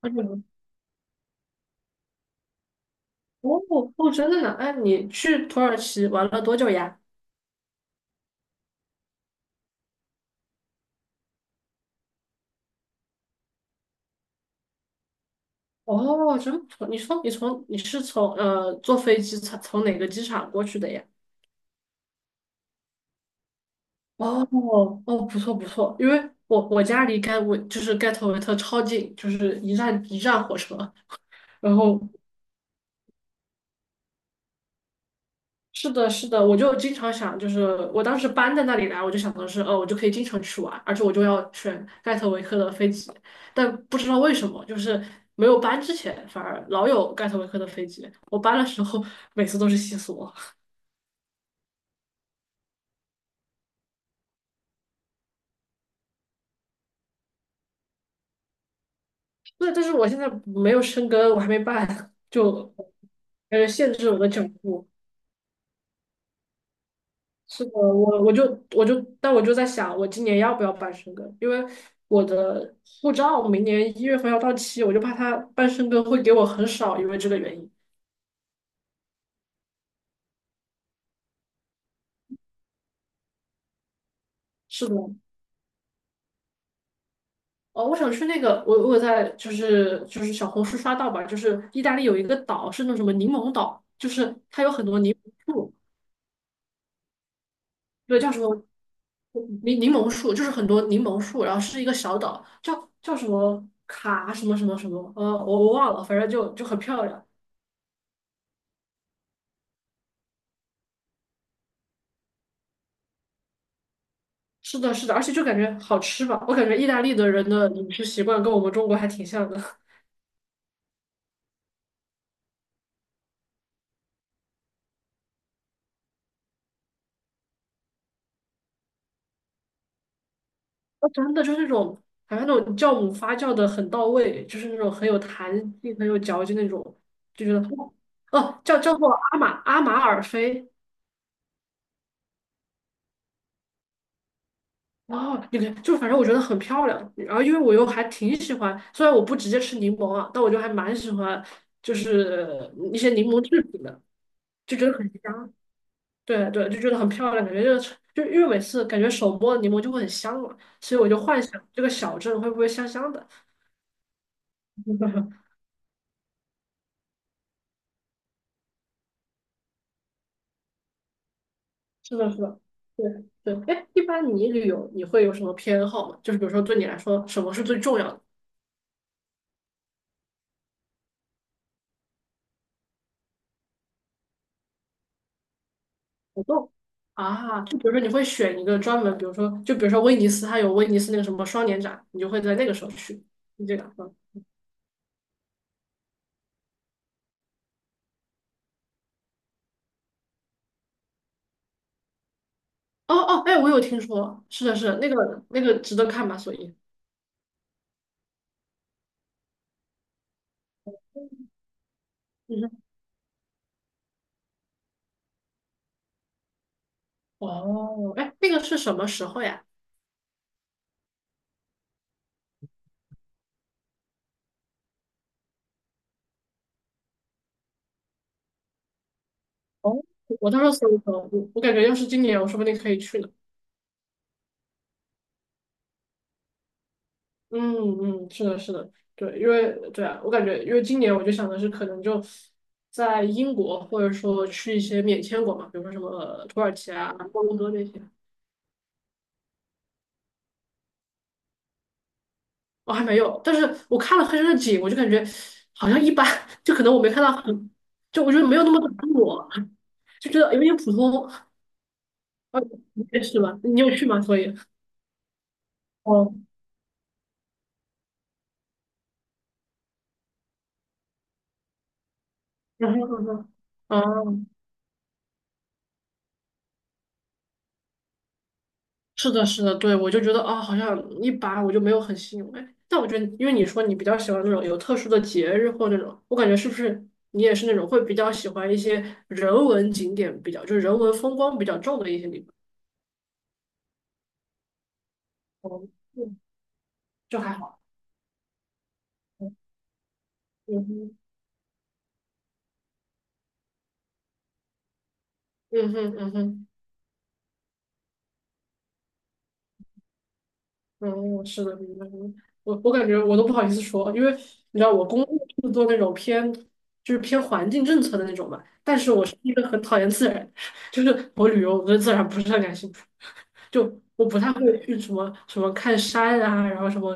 嗯，哦，哦，真的呢？哎，你去土耳其玩了多久呀？哦，真不错。你说你是从坐飞机从哪个机场过去的呀？哦哦，不错不错，因为我家离盖维就是盖特维特超近，就是一站火车，然后是的，是的，我就经常想，就是我当时搬在那里来，我就想的是，我就可以经常去玩，而且我就要选盖特维克的飞机，但不知道为什么，就是没有搬之前，反而老有盖特维克的飞机，我搬的时候每次都是西索。对，但是我现在没有生根，我还没办，就感觉限制我的脚步。是的，我就，但我就在想，我今年要不要办申根？因为我的护照明年一月份要到期，我就怕他办申根会给我很少，因为这个原因。是的，哦，我想去那个，我在就是小红书刷到吧，就是意大利有一个岛是那种什么柠檬岛，就是它有很多柠檬树，对，叫什么柠檬树，就是很多柠檬树，然后是一个小岛，叫什么卡什么什么什么，我忘了，反正就很漂亮。是的，是的，而且就感觉好吃吧。我感觉意大利的人的饮食习惯跟我们中国还挺像的。哦真的就是那种，好像那种酵母发酵的很到位，就是那种很有弹性、很有嚼劲那种，就觉得哦，叫叫做阿马尔菲。哦，你看，就反正我觉得很漂亮。然后因为我又还挺喜欢，虽然我不直接吃柠檬啊，但我就还蛮喜欢，就是一些柠檬制品的，就觉得很香。对对，就觉得很漂亮，感觉就是城就因为每次感觉手摸柠檬就会很香嘛，所以我就幻想这个小镇会不会香香的。是的，是的，对对。哎，一般你旅游你会有什么偏好吗？就是比如说对你来说，什么是最重要的活动啊？就比如说你会选一个专门，比如说就比如说威尼斯，它有威尼斯那个什么双年展，你就会在那个时候去。你这个，嗯哦哦，哎，我有听说，是的，是的，那个那个值得看吧？所以，嗯哼，哦，哎，那个是什么时候呀？哦，我到时候搜一搜，我感觉要是今年，我说不定可以去呢。嗯嗯，是的，是的，对，因为对啊，我感觉因为今年我就想的是，可能就在英国，或者说去一些免签国嘛，比如说什么土耳其啊、摩洛哥那些，我还没有。但是我看了黑山的景，我就感觉好像一般，就可能我没看到很，就我觉得没有那么打动我，就觉得有点普通。啊，你也是吧？你有去吗？所以哦，然后呢？哦是的，是的，对，我就觉得啊、好像一般，我就没有很吸引我。哎但我觉得，因为你说你比较喜欢那种有特殊的节日或那种，我感觉是不是你也是那种会比较喜欢一些人文景点比较，就是人文风光比较重的一些地方？哦，嗯，就还好。嗯嗯哼，嗯哼，嗯哼。嗯，是的，明白明白我感觉我都不好意思说，因为你知道我工作是做那种偏偏环境政策的那种嘛，但是我是一个很讨厌自然，就是我旅游我对自然不是很感兴趣，就我不太会去什么看山啊，然后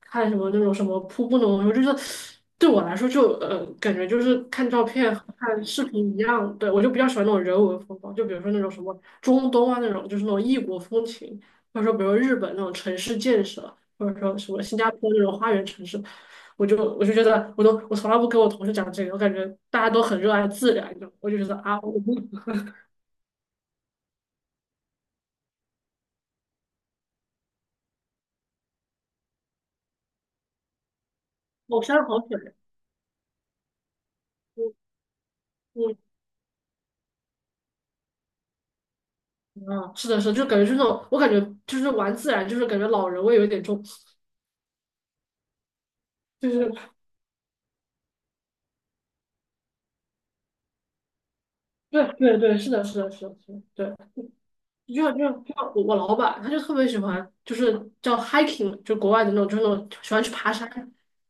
看什么那种什么瀑布那种，我就是对我来说就感觉就是看照片和看视频一样，对我就比较喜欢那种人文风光，就比如说那种什么中东啊那种，就是那种异国风情。或者说比如日本那种城市建设，或者说什么新加坡那种花园城市，我就觉得我从来不跟我同事讲这个，我感觉大家都很热爱自然，你知道吗，我就觉得啊，我我好山好水，嗯嗯。啊，是的，是的，就感觉就是那种，我感觉就是玩自然，就是感觉老人味有一点重，就是对对对，是的，是的，是的，是的，对。就像就像我老板，他就特别喜欢，就是叫 hiking，就国外的那种，就是那种喜欢去爬山，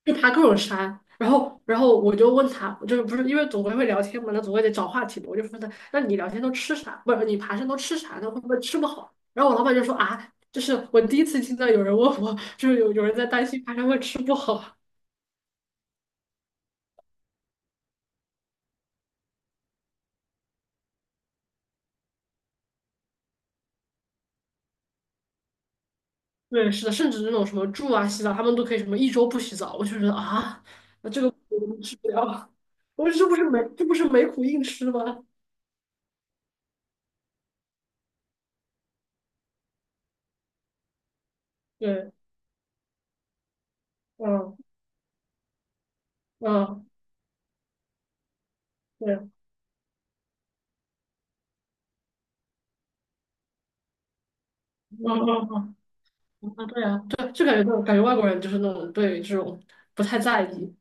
去爬各种山。然后我就问他，就是不是因为总归会聊天嘛，那总归得找话题嘛。我就问他，那你聊天都吃啥？不是你爬山都吃啥那会不会吃不好？然后我老板就说啊，就是我第一次听到有人问我，就是有人在担心爬山会吃不好。对，是的，甚至那种什么住啊、洗澡，他们都可以什么一周不洗澡，我就觉得啊，那这个苦我们吃不了，我说这不是没苦硬吃吗？对，嗯嗯，对，嗯嗯嗯，嗯啊对啊，对，就感觉那种感觉外国人就是那种对这种不太在意，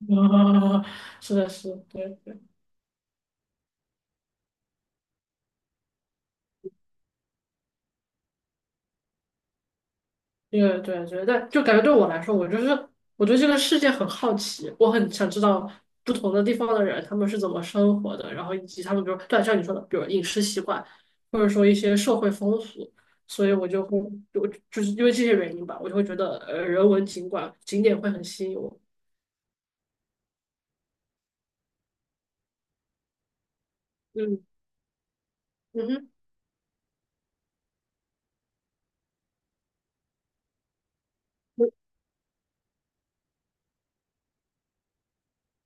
啊，是的，是的，对。对对对，但就感觉对我来说，我就是我对这个世界很好奇，我很想知道不同的地方的人他们是怎么生活的，然后以及他们比如对像你说的，比如饮食习惯，或者说一些社会风俗，所以我就会就是因为这些原因吧，我就会觉得人文景观景点会很吸引我。嗯嗯哼，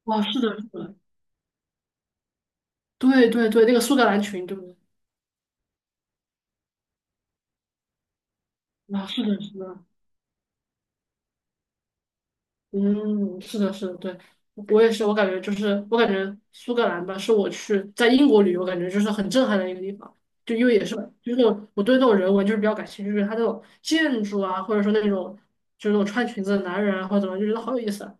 我哦，是的，是的，对对对，那个苏格兰群，对不对？啊，是的，是的。嗯，是的，是的，对，我也是，我感觉就是，我感觉苏格兰吧，是我去在英国旅游，感觉就是很震撼的一个地方，就因为也是，就是我对那种人文就是比较感兴趣，就是它那种建筑啊，或者说那种就是那种穿裙子的男人啊，或者怎么样就觉得好有意思啊。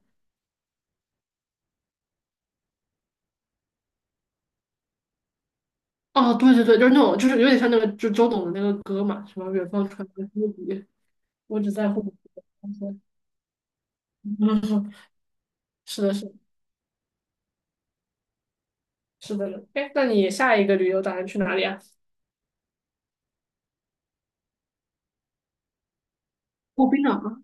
哦，对对对，就是那种，就是有点像那个，就周董的那个歌嘛，什么远方传来的风笛，我只在乎你。嗯，是的，是的是的呢。哎，那你下一个旅游打算去哪里啊？哦，冰岛吗？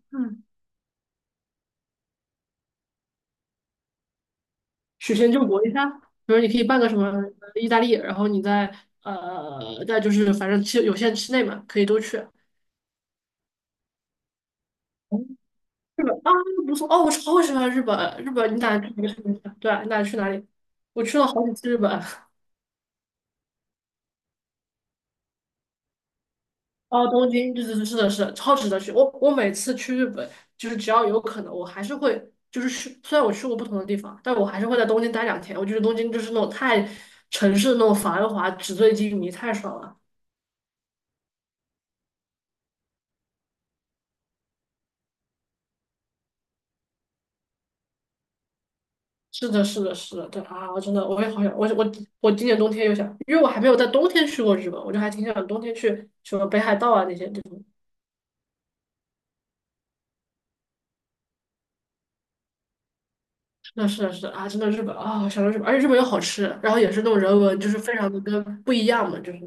曲线救国一下，比如你可以办个什么意大利，然后你在就是反正期有限期内嘛，可以都去。日本啊，不错哦，我超喜欢日本。日本，你打算去哪个城市？对啊你打算去哪里？我去了好几次日本。哦，东京，对对对，是的，是的，超值得去。我我每次去日本，就是只要有可能，我还是会就是去。虽然我去过不同的地方，但我还是会在东京待两天。我觉得东京就是那种太城市的那种繁华、纸醉金迷，太爽了。是的，是的，是的，对啊，我真的我也好想，我我今年冬天又想，因为我还没有在冬天去过日本，我就还挺想冬天去什么北海道啊那些地方。是的，是的，是的啊，真的日本啊，想到日本，而且日本又好吃，然后也是那种人文，就是非常的跟不一样嘛，就是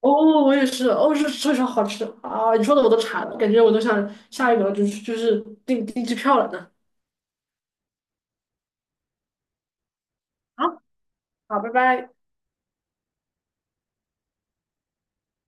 哦，我也是，哦，是确实好吃啊！你说的我都馋了，感觉我都想下一秒就是订机票了呢。好，好，拜拜。